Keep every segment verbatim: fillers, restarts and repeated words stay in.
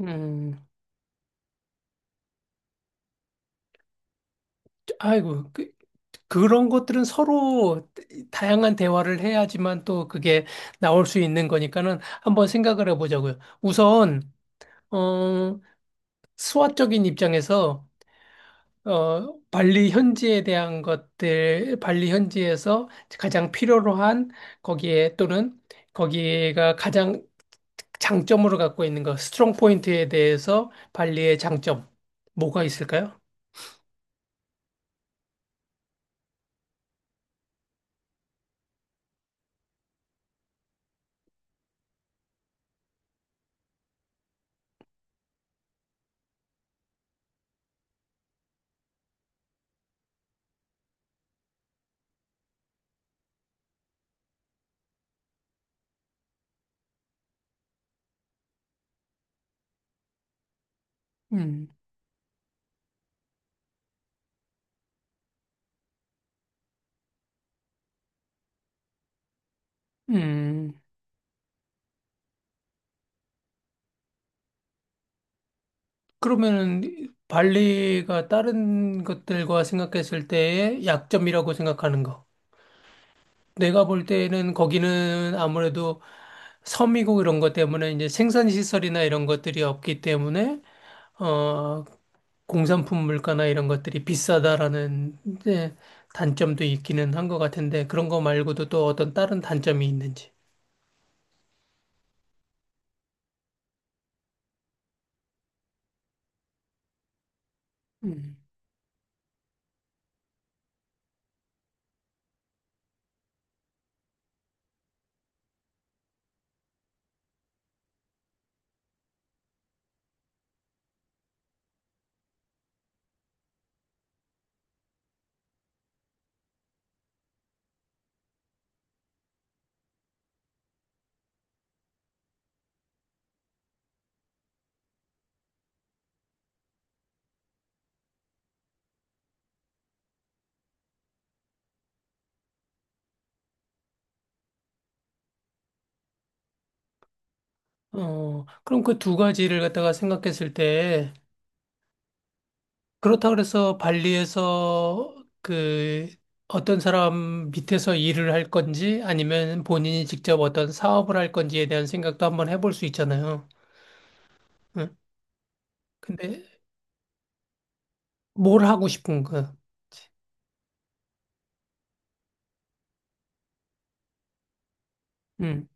음, 아이고, 그, 그런 것들은 서로 다양한 대화를 해야지만 또 그게 나올 수 있는 거니까는 한번 생각을 해보자고요. 우선, 어, 수화적인 입장에서, 어, 발리 현지에 대한 것들, 발리 현지에서 가장 필요로 한 거기에 또는 거기가 가장 장점으로 갖고 있는 것, 스트롱 포인트에 대해서 발리의 장점, 뭐가 있을까요? 음, 음. 그러면은 발리가 다른 것들과 생각했을 때의 약점이라고 생각하는 거. 내가 볼 때는 거기는 아무래도 섬이고 이런 것 때문에 이제 생산 시설이나 이런 것들이 없기 때문에 어 공산품 물가나 이런 것들이 비싸다라는 이제 단점도 있기는 한 것 같은데 그런 거 말고도 또 어떤 다른 단점이 있는지. 음. 어 그럼 그 두 가지를 갖다가 생각했을 때 그렇다고 해서 발리에서 그 어떤 사람 밑에서 일을 할 건지 아니면 본인이 직접 어떤 사업을 할 건지에 대한 생각도 한번 해볼 수 있잖아요. 응? 근데 뭘 하고 싶은 거? 음,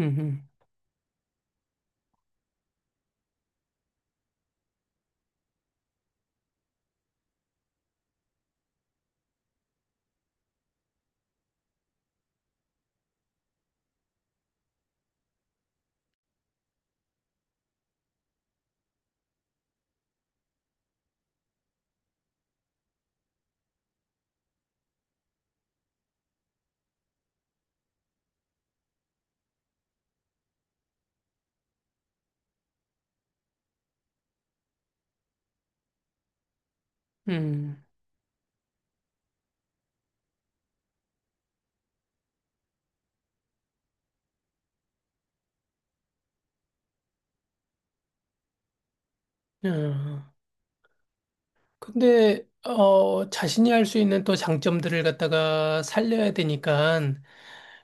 음, 음, 음. 어. 근데 어 자신이 할 수 있는 또 장점들을 갖다가 살려야 되니까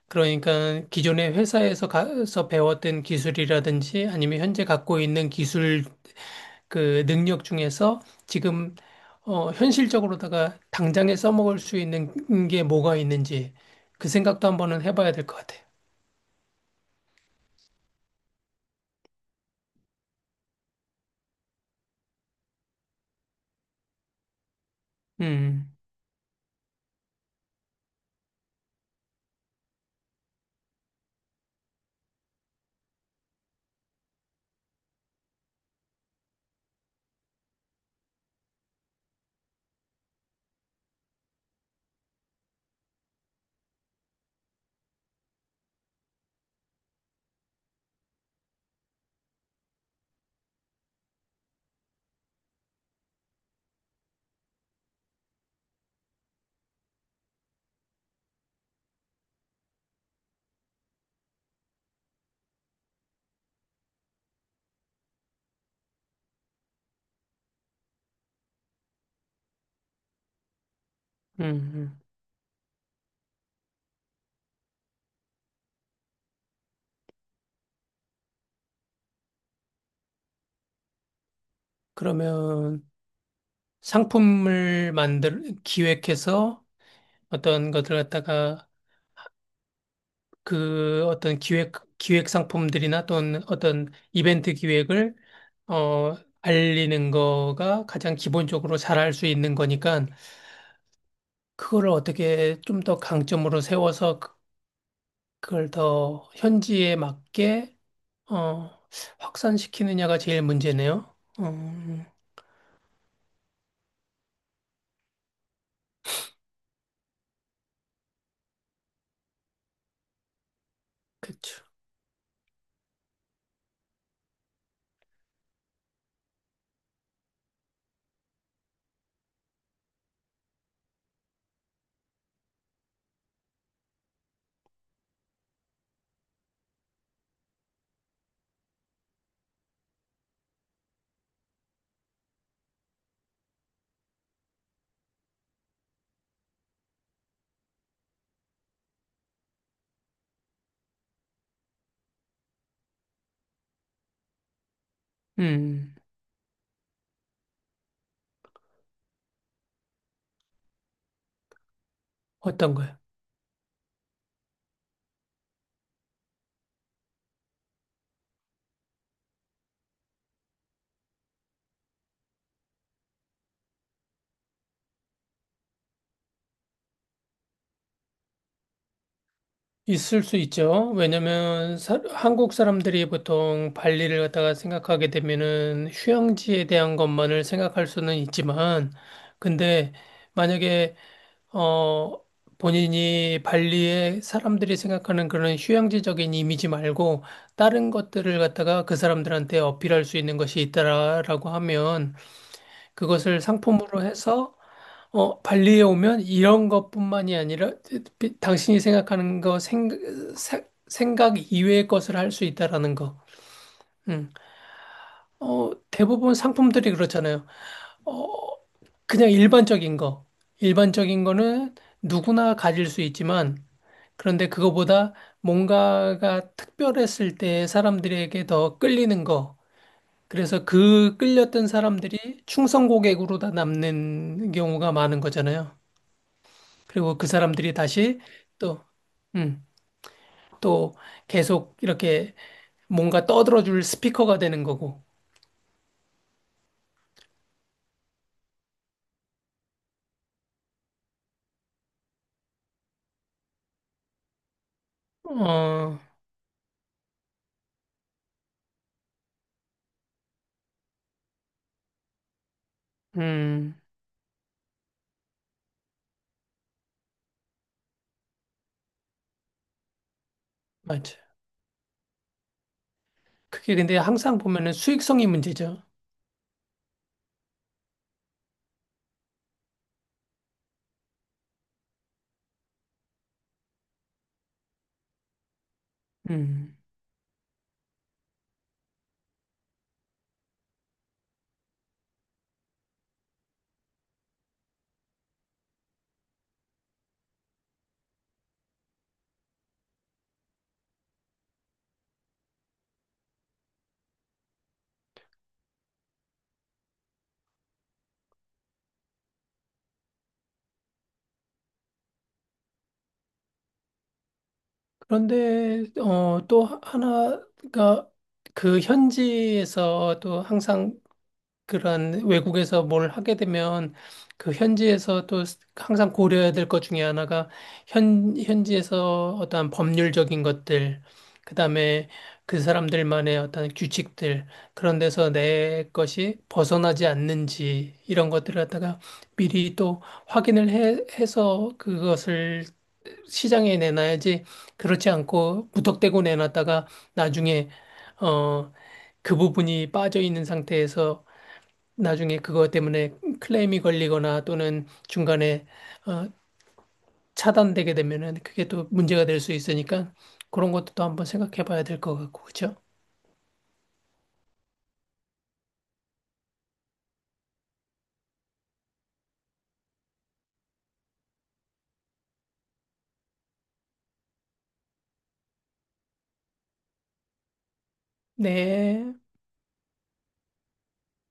그러니까 기존의 회사에서 가서 배웠던 기술이라든지 아니면 현재 갖고 있는 기술 그 능력 중에서 지금 어, 현실적으로다가 당장에 써먹을 수 있는 게 뭐가 있는지 그 생각도 한번은 해봐야 될 것 같아요. 음, 음, 음. 그러면 상품을 만들, 기획해서 어떤 것들 갖다가 그 어떤 기획, 기획 상품들이나 또는 어떤 이벤트 기획을 어, 알리는 거가 가장 기본적으로 잘할 수 있는 거니까 그거를 어떻게 좀 더 강점으로 세워서 그 그걸 더 현지에 맞게 어, 확산시키느냐가 제일 문제네요. 음, 그쵸. 음, 어떤 거요? 있을 수 있죠. 왜냐면 사- 한국 사람들이 보통 발리를 갖다가 생각하게 되면은 휴양지에 대한 것만을 생각할 수는 있지만, 근데 만약에 어, 본인이 발리에 사람들이 생각하는 그런 휴양지적인 이미지 말고 다른 것들을 갖다가 그 사람들한테 어필할 수 있는 것이 있다라고 하면 그것을 상품으로 해서 어, 발리에 오면 이런 것뿐만이 아니라 당신이 생각하는 거 생, 사- 생각 이외의 것을 할 수 있다라는 거. 음. 어, 대부분 상품들이 그렇잖아요. 어, 그냥 일반적인 거. 일반적인 거는 누구나 가질 수 있지만 그런데 그거보다 뭔가가 특별했을 때 사람들에게 더 끌리는 거. 그래서 그 끌렸던 사람들이 충성 고객으로 다 남는 경우가 많은 거잖아요. 그리고 그 사람들이 다시 또, 음, 또 계속 이렇게 뭔가 떠들어줄 스피커가 되는 거고. 어, 음, 맞아. 그게 근데 항상 보면은 수익성이 문제죠. 음. 그런데 어, 또 하나가 그 현지에서 또 항상 그런 외국에서 뭘 하게 되면 그 현지에서 또 항상 고려해야 될 것 중에 하나가 현, 현지에서 어떠한 법률적인 것들, 그다음에 그 사람들만의 어떤 규칙들, 그런 데서 내 것이 벗어나지 않는지 이런 것들을 갖다가 미리 또 확인을 해, 해서 그것을 시장에 내놔야지 그렇지 않고 무턱대고 내놨다가 나중에 어, 그 부분이 빠져 있는 상태에서 나중에 그것 때문에 클레임이 걸리거나 또는 중간에 어, 차단되게 되면은 그게 또 문제가 될 수 있으니까 그런 것도 또 한번 생각해 봐야 될 것 같고, 그렇죠? 네.